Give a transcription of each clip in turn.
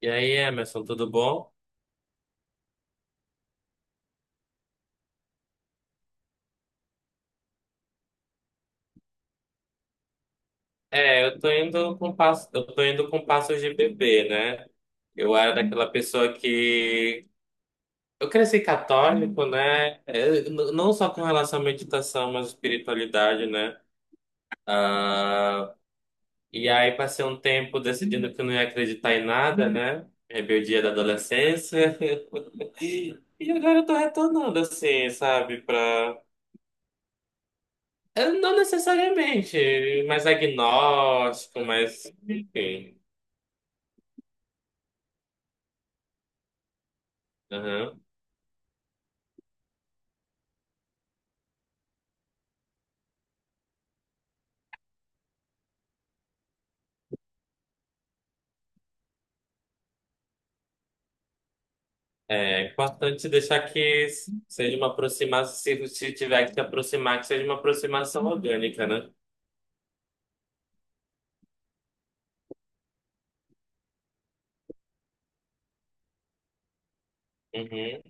E aí, Emerson, tudo bom? Eu tô indo com passo, eu tô indo com passos de bebê, né? Eu era daquela pessoa que eu cresci católico, né? Não só com relação à meditação, mas espiritualidade, né? Ah, e aí passei um tempo decidindo que eu não ia acreditar em nada, né? Rebeldia da adolescência. E agora eu tô retornando assim, sabe, pra... eu Não necessariamente, mais agnóstico, mas enfim. Aham. É importante deixar que seja uma aproximação, se se tiver que se aproximar, que seja uma aproximação orgânica, né? Uhum,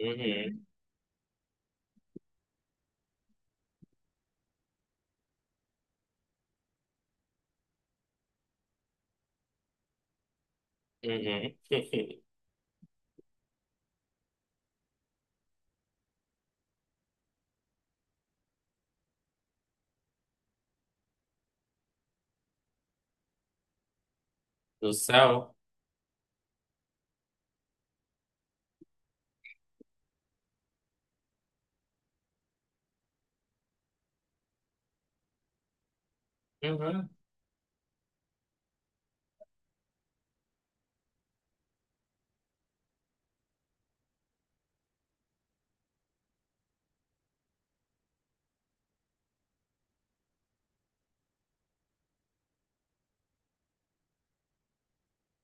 uhum, uhum. No céu? Uhum.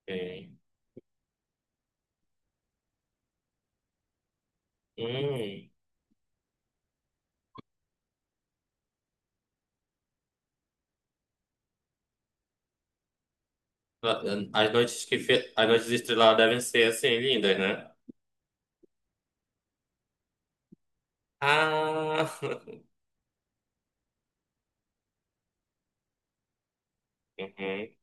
Sim. Hum. As noites estreladas devem ser assim, lindas, né? Ah! Uhum,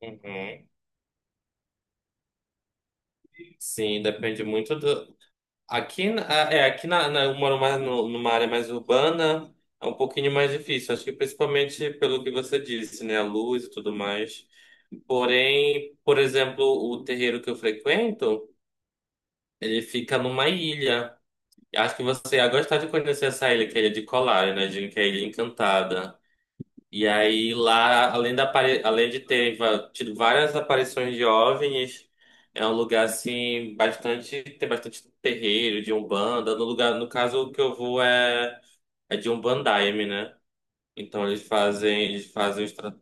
uhum. Sim, depende muito do. Aqui, na- aqui eu moro mais numa área mais urbana, é um pouquinho mais difícil. Acho que principalmente pelo que você disse, né? A luz e tudo mais. Porém, por exemplo, o terreiro que eu frequento, ele fica numa ilha. Acho que você ia gostar de conhecer essa ilha, que é a Ilha de Colar, né? Dizem que é a Ilha Encantada. E aí lá, além de ter tido várias aparições de OVNIs, é um lugar assim bastante tem bastante terreiro de Umbanda. No lugar, no caso que eu vou é de Umbandaime, né? Então eles fazem os tra-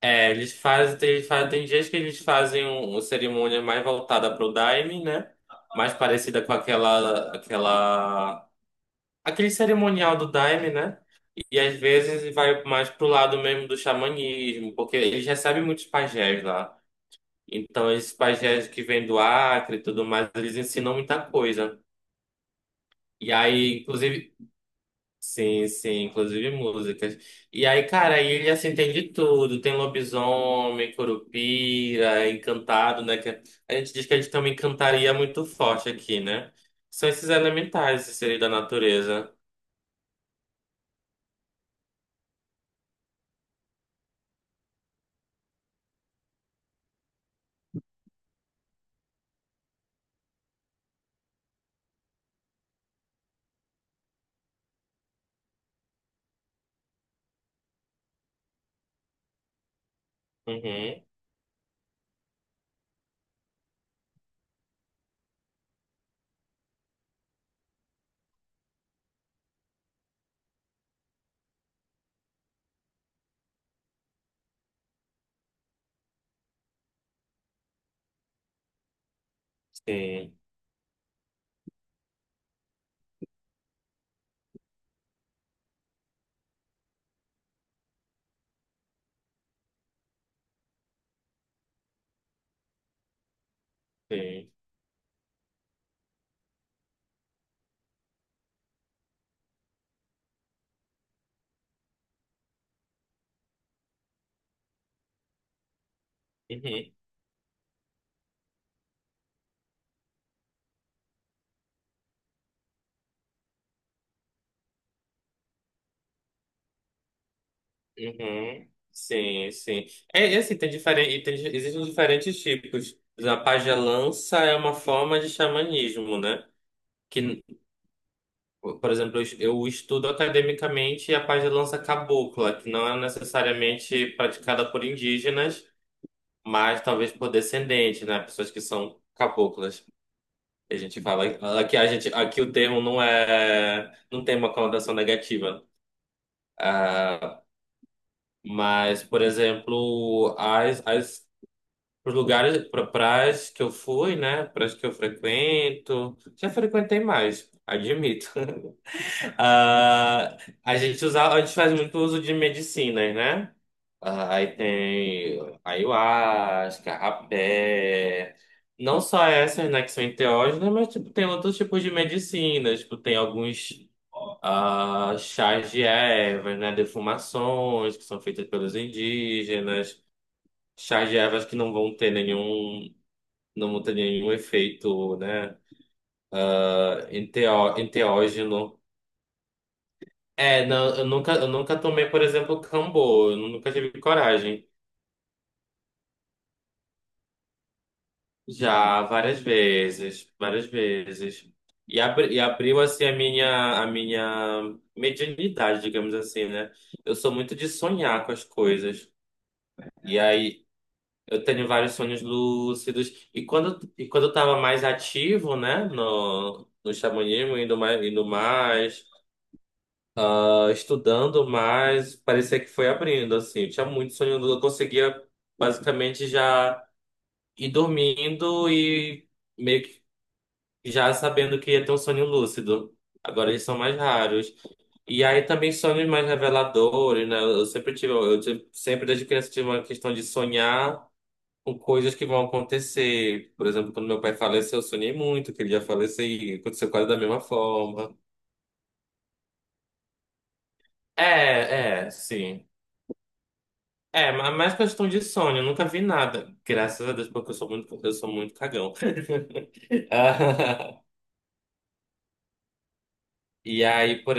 é, eles fazem, tem dias que eles fazem uma cerimônia mais voltada pro Daime, né? Mais parecida com aquela aquele cerimonial do Daime, né? E às vezes vai mais pro lado mesmo do xamanismo, porque eles recebem muitos pajés lá. Então, esses pajés que vêm do Acre e tudo mais, eles ensinam muita coisa. E aí, inclusive. Sim, sim, inclusive músicas. E aí, cara, aí ele assim tem de tudo. Tem lobisomem, curupira, encantado, né? Que a gente diz que a gente tem uma encantaria muito forte aqui, né? São esses elementais, esses seres da natureza. Uhum, sim, sim. Uhum. Uhum. Sim, sim. É, e assim, tem diferente, tem, existem diferentes tipos. A pagelança é uma forma de xamanismo, né? Que, por exemplo, eu estudo academicamente a pagelança cabocla, que não é necessariamente praticada por indígenas, mas talvez por descendentes, né? Pessoas que são caboclas. A gente fala aqui a gente aqui o termo não tem uma conotação negativa. Ah, mas, por exemplo, as os lugares, praias que eu fui, né? Praias que eu frequento. Já frequentei mais, admito. Ah, a gente usa, a gente faz muito uso de medicinas, né? Ah, aí tem ayahuasca, rapé. Não só essas, né, que são enteógenas, mas tipo, tem outros tipos de medicinas. Tipo, tem alguns, ah, chás de ervas, né? Defumações que são feitas pelos indígenas. Chás de ervas que não vão ter nenhum, não tem nenhum efeito, né, enteo- enteógeno. É, não, eu nunca tomei, por exemplo, Cambô, eu nunca tive coragem. Já várias vezes, várias vezes. E abriu, assim, a minha mediunidade, digamos assim, né? Eu sou muito de sonhar com as coisas. E aí, eu tenho vários sonhos lúcidos. E quando eu tava mais ativo, né, no xamanismo, indo mais, estudando, mas parecia que foi abrindo, assim. Eu tinha muito sono, eu conseguia basicamente já ir dormindo e meio que já sabendo que ia ter um sonho lúcido. Agora eles são mais raros. E aí também sonhos mais reveladores, né? Eu sempre tive, sempre desde criança tive uma questão de sonhar com coisas que vão acontecer. Por exemplo, quando meu pai faleceu, eu sonhei muito que ele ia falecer e aconteceu quase da mesma forma. É, é, sim. É, mais questão de sono, eu nunca vi nada. Graças a Deus, porque eu sou muito cagão. Ah, E aí, por,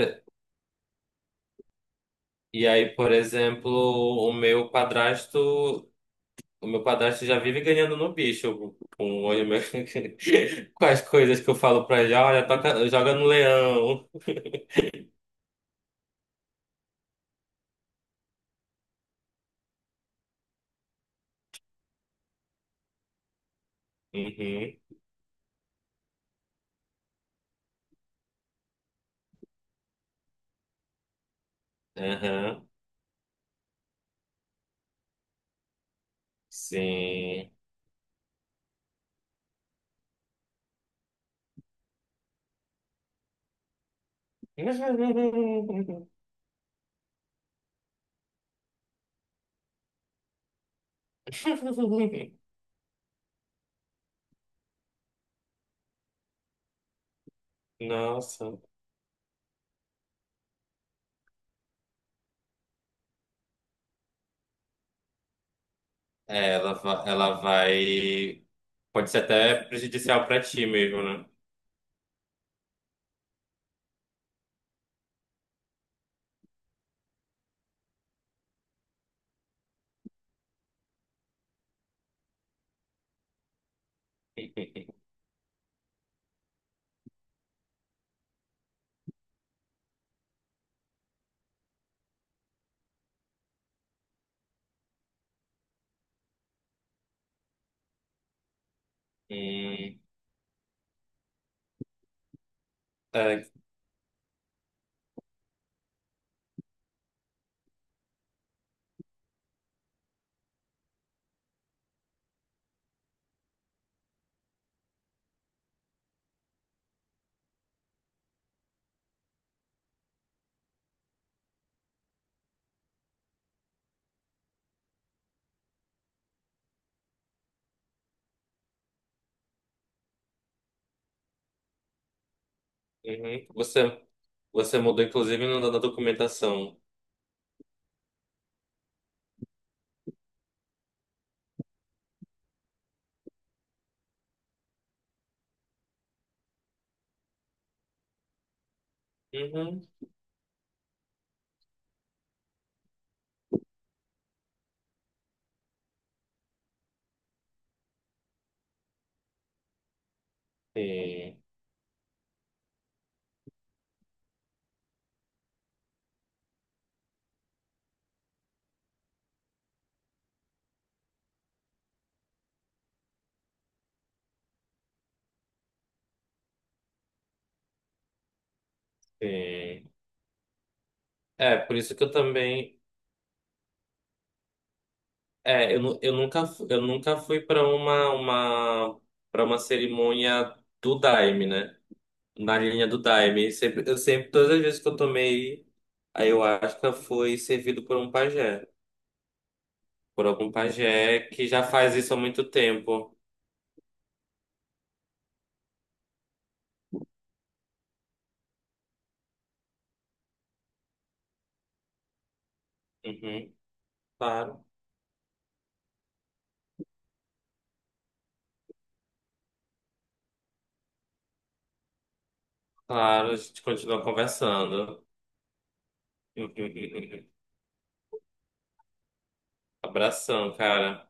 e aí, por exemplo, o meu padrasto já vive ganhando no bicho com, o olho meu- com as coisas que eu falo pra ele, olha, toca, joga no leão. Uhum, aham, sim. Nossa. É, ela, ela vai. Pode ser até prejudicial pra ti mesmo, né? Hum, é, uhum. Você, você mudou, inclusive, na documentação. Uhum. Sim, sim. É, por isso que eu também. É, eu, nu- eu nunca, fu- eu nunca fui para uma, para uma cerimônia do Daime, né? Na linha do Daime. Sempre, eu sempre, todas as vezes que eu tomei, aí eu acho que foi servido por um pajé. Por algum pajé que já faz isso há muito tempo. Uhum, claro, claro, a gente continua conversando. Abração, cara.